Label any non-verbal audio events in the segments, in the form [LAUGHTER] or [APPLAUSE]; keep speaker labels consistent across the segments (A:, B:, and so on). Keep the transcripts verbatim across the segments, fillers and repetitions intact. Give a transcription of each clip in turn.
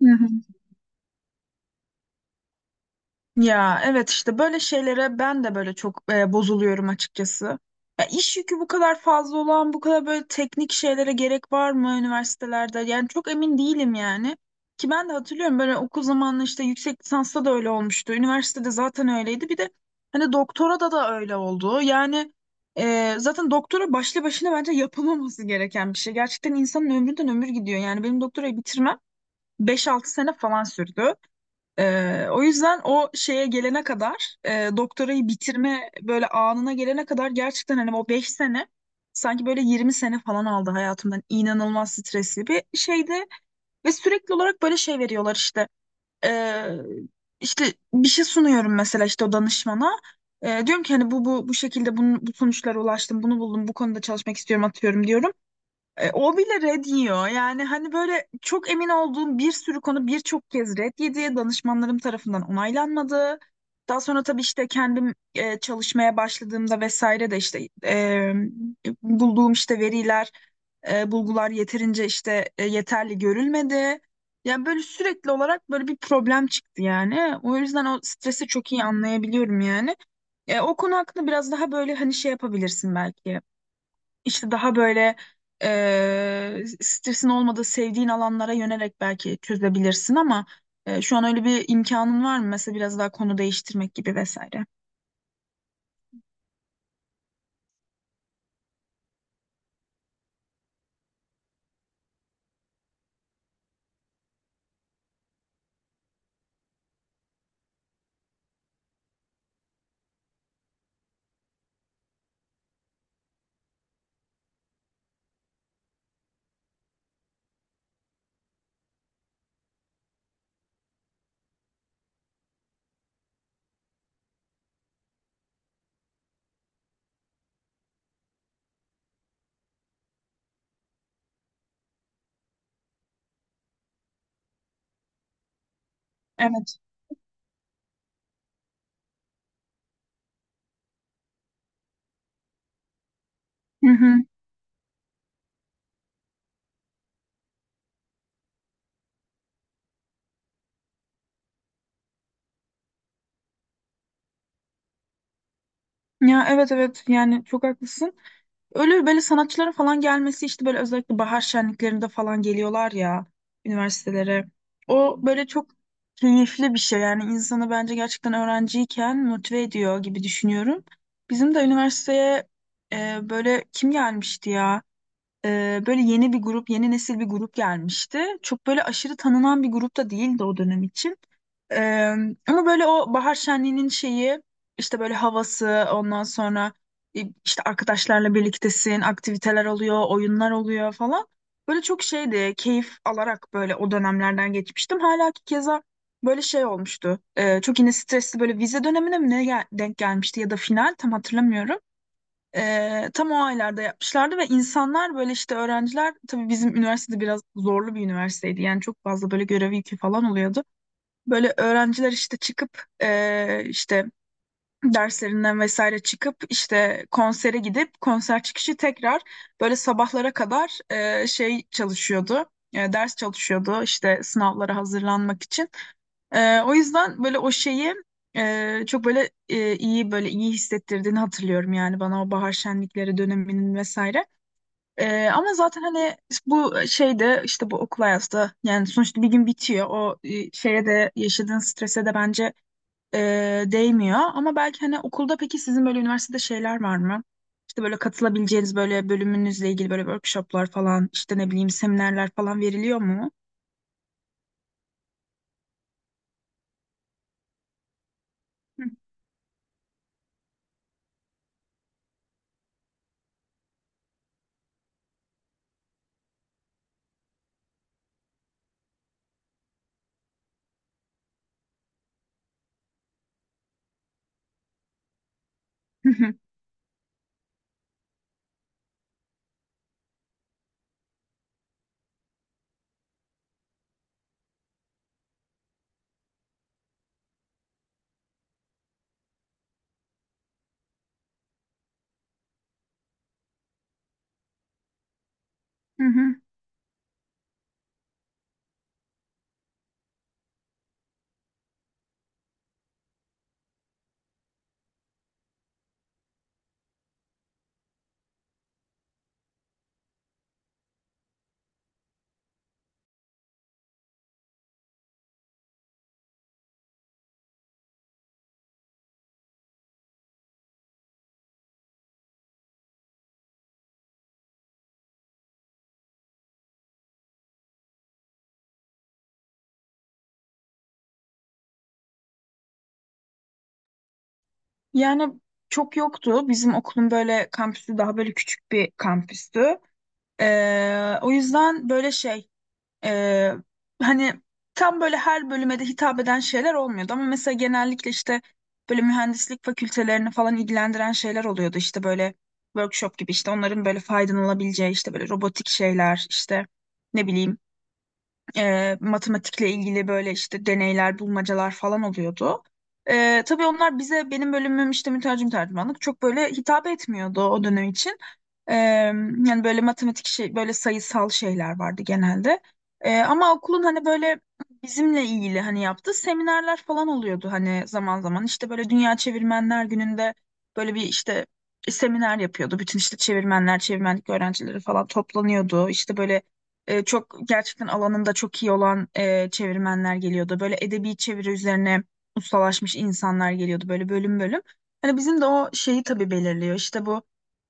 A: Hı hı. Ya evet işte böyle şeylere ben de böyle çok e, bozuluyorum açıkçası. Ya iş yükü bu kadar fazla olan, bu kadar böyle teknik şeylere gerek var mı üniversitelerde? Yani çok emin değilim yani. Ki ben de hatırlıyorum böyle okul zamanında işte yüksek lisansta da öyle olmuştu. Üniversitede zaten öyleydi. Bir de hani doktora da da öyle oldu. Yani e, zaten doktora başlı başına bence yapılmaması gereken bir şey. Gerçekten insanın ömründen ömür gidiyor. Yani benim doktorayı bitirmem beş altı sene falan sürdü. Ee, o yüzden o şeye gelene kadar e, doktorayı bitirme böyle anına gelene kadar gerçekten hani o beş sene sanki böyle yirmi sene falan aldı hayatımdan, inanılmaz stresli bir şeydi ve sürekli olarak böyle şey veriyorlar işte. Ee, işte bir şey sunuyorum mesela işte o danışmana. Ee, diyorum ki hani bu bu bu şekilde bunun, bu sonuçlara ulaştım, bunu buldum, bu konuda çalışmak istiyorum atıyorum diyorum, e, o bile red yiyor. Yani hani böyle çok emin olduğum bir sürü konu birçok kez red yedi. Danışmanlarım tarafından onaylanmadı. Daha sonra tabii işte kendim e, çalışmaya başladığımda vesaire de işte e, bulduğum işte veriler, e, bulgular yeterince işte e, yeterli görülmedi. Yani böyle sürekli olarak böyle bir problem çıktı yani. O yüzden o stresi çok iyi anlayabiliyorum yani. E, o konu hakkında biraz daha böyle hani şey yapabilirsin belki. İşte daha böyle e, stresin olmadığı sevdiğin alanlara yönelerek belki çözebilirsin ama e, şu an öyle bir imkanın var mı? Mesela biraz daha konu değiştirmek gibi vesaire. Evet. Hı hı. Ya evet, evet, yani çok haklısın. Öyle böyle sanatçıların falan gelmesi işte böyle özellikle bahar şenliklerinde falan geliyorlar ya üniversitelere. O böyle çok keyifli bir şey yani, insanı bence gerçekten öğrenciyken motive ediyor gibi düşünüyorum. Bizim de üniversiteye e, böyle kim gelmişti ya? E, böyle yeni bir grup, yeni nesil bir grup gelmişti. Çok böyle aşırı tanınan bir grup da değildi o dönem için. Ee, Ama böyle o bahar şenliğinin şeyi işte böyle havası, ondan sonra e, işte arkadaşlarla birliktesin, aktiviteler oluyor, oyunlar oluyor falan. Böyle çok şeydi, keyif alarak böyle o dönemlerden geçmiştim. Hala ki keza böyle şey olmuştu. Ee, çok yine stresli böyle vize dönemine mi ne gel- denk gelmişti ya da final, tam hatırlamıyorum. Ee, tam o aylarda yapmışlardı ve insanlar böyle işte öğrenciler tabii, bizim üniversitede biraz zorlu bir üniversiteydi. Yani çok fazla böyle görev yükü falan oluyordu. Böyle öğrenciler işte çıkıp eee, işte derslerinden vesaire çıkıp işte konsere gidip konser çıkışı tekrar böyle sabahlara kadar eee, şey çalışıyordu. Eee, ders çalışıyordu işte sınavlara hazırlanmak için. Eee, o yüzden böyle o şeyi eee, çok böyle eee, iyi, böyle iyi hissettirdiğini hatırlıyorum yani bana o bahar şenlikleri döneminin vesaire. Ee, ama zaten hani bu şeyde işte bu okul hayatı da yani sonuçta bir gün bitiyor. O e, şeye de yaşadığın strese de bence e, değmiyor. Ama belki hani okulda, peki sizin böyle üniversitede şeyler var mı? İşte böyle katılabileceğiniz böyle bölümünüzle ilgili böyle workshoplar falan, işte ne bileyim, seminerler falan veriliyor mu? [LAUGHS] Hı. Hı hı, hı hı. Yani çok yoktu. Bizim okulun böyle kampüsü daha böyle küçük bir kampüstü. Ee, o yüzden böyle şey Ee, hani tam böyle her bölüme de hitap eden şeyler olmuyordu ama mesela genellikle işte böyle mühendislik fakültelerini falan ilgilendiren şeyler oluyordu, işte böyle workshop gibi, işte onların böyle faydalanabileceği işte böyle robotik şeyler, işte ne bileyim, e, matematikle ilgili böyle işte deneyler, bulmacalar falan oluyordu. Ee, tabii onlar bize, benim bölümüm işte mütercim tercümanlık, çok böyle hitap etmiyordu o dönem için. Ee, Yani böyle matematik şey böyle sayısal şeyler vardı genelde. Ee, ama okulun hani böyle bizimle ilgili hani yaptığı seminerler falan oluyordu hani zaman zaman. İşte böyle Dünya Çevirmenler Günü'nde böyle bir işte seminer yapıyordu. Bütün işte çevirmenler, çevirmenlik öğrencileri falan toplanıyordu. İşte böyle e, çok gerçekten alanında çok iyi olan e, çevirmenler geliyordu. Böyle edebi çeviri üzerine ustalaşmış insanlar geliyordu böyle bölüm bölüm. Hani bizim de o şeyi tabii belirliyor. İşte bu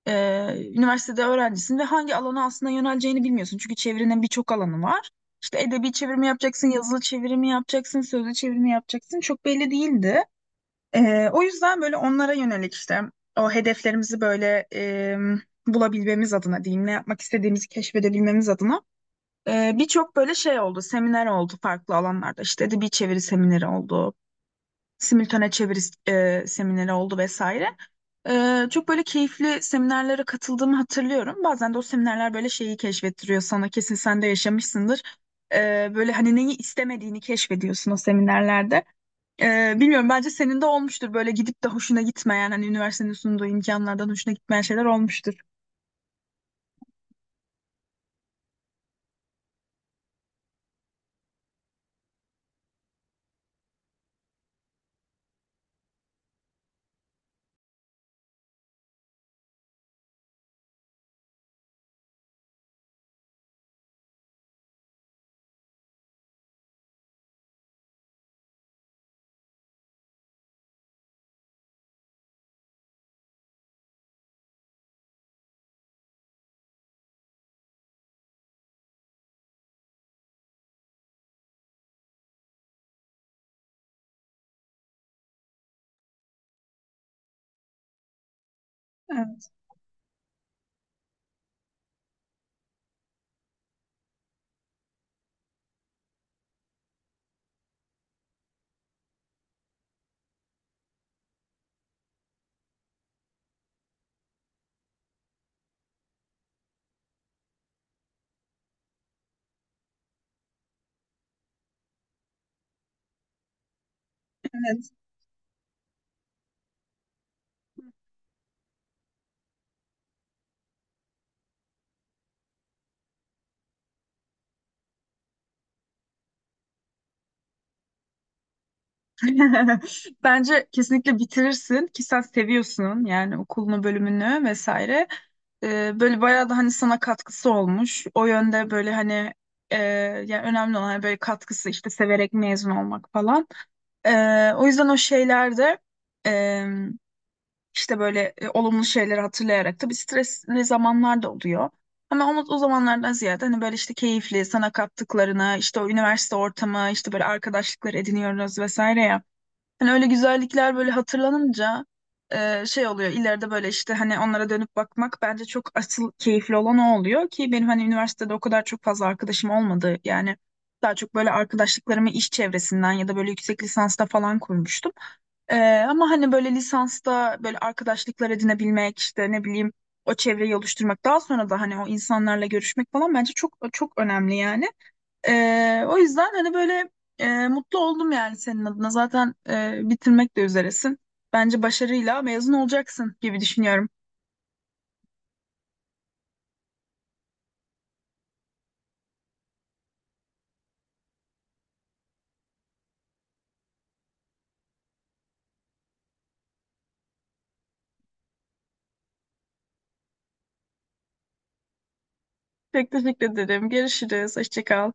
A: ee, üniversitede öğrencisin ve hangi alana aslında yöneleceğini bilmiyorsun. Çünkü çevirinin birçok alanı var. İşte edebi çevirimi yapacaksın, yazılı çevirimi yapacaksın, sözlü çevirimi yapacaksın. Çok belli değildi. Ee, o yüzden böyle onlara yönelik işte o hedeflerimizi böyle e, bulabilmemiz adına diyeyim, ne yapmak istediğimizi keşfedebilmemiz adına e, birçok böyle şey oldu, seminer oldu farklı alanlarda. İşte edebi çeviri semineri oldu, simültane çeviri e, semineri oldu vesaire. E, çok böyle keyifli seminerlere katıldığımı hatırlıyorum. Bazen de o seminerler böyle şeyi keşfettiriyor sana. Kesin sen de yaşamışsındır. E, böyle hani neyi istemediğini keşfediyorsun o seminerlerde. E, bilmiyorum, bence senin de olmuştur böyle gidip de hoşuna gitmeyen, hani üniversitenin sunduğu imkanlardan hoşuna gitmeyen şeyler olmuştur. Evet. Evet. [LAUGHS] Bence kesinlikle bitirirsin ki sen seviyorsun yani okulunu, bölümünü vesaire. E, böyle bayağı da hani sana katkısı olmuş. O yönde böyle hani e, yani önemli olan hani böyle katkısı, işte severek mezun olmak falan. E, o yüzden o şeylerde e, işte böyle e, olumlu şeyleri hatırlayarak, tabii stresli zamanlar da oluyor. Ama o, o zamanlardan ziyade hani böyle işte keyifli sana kattıklarına, işte o üniversite ortamı, işte böyle arkadaşlıklar ediniyoruz vesaire ya. Hani öyle güzellikler böyle hatırlanınca e, şey oluyor ileride, böyle işte hani onlara dönüp bakmak bence çok asıl keyifli olan o oluyor ki benim hani üniversitede o kadar çok fazla arkadaşım olmadı yani, daha çok böyle arkadaşlıklarımı iş çevresinden ya da böyle yüksek lisansta falan kurmuştum. E, Ama hani böyle lisansta böyle arkadaşlıklar edinebilmek, işte ne bileyim, o çevreyi oluşturmak daha sonra da hani o insanlarla görüşmek falan bence çok çok önemli yani. Ee, o yüzden hani böyle e, mutlu oldum yani senin adına. Zaten e, bitirmek de üzeresin. Bence başarıyla mezun olacaksın gibi düşünüyorum. Çok teşekkür ederim. Görüşürüz. Hoşça kal.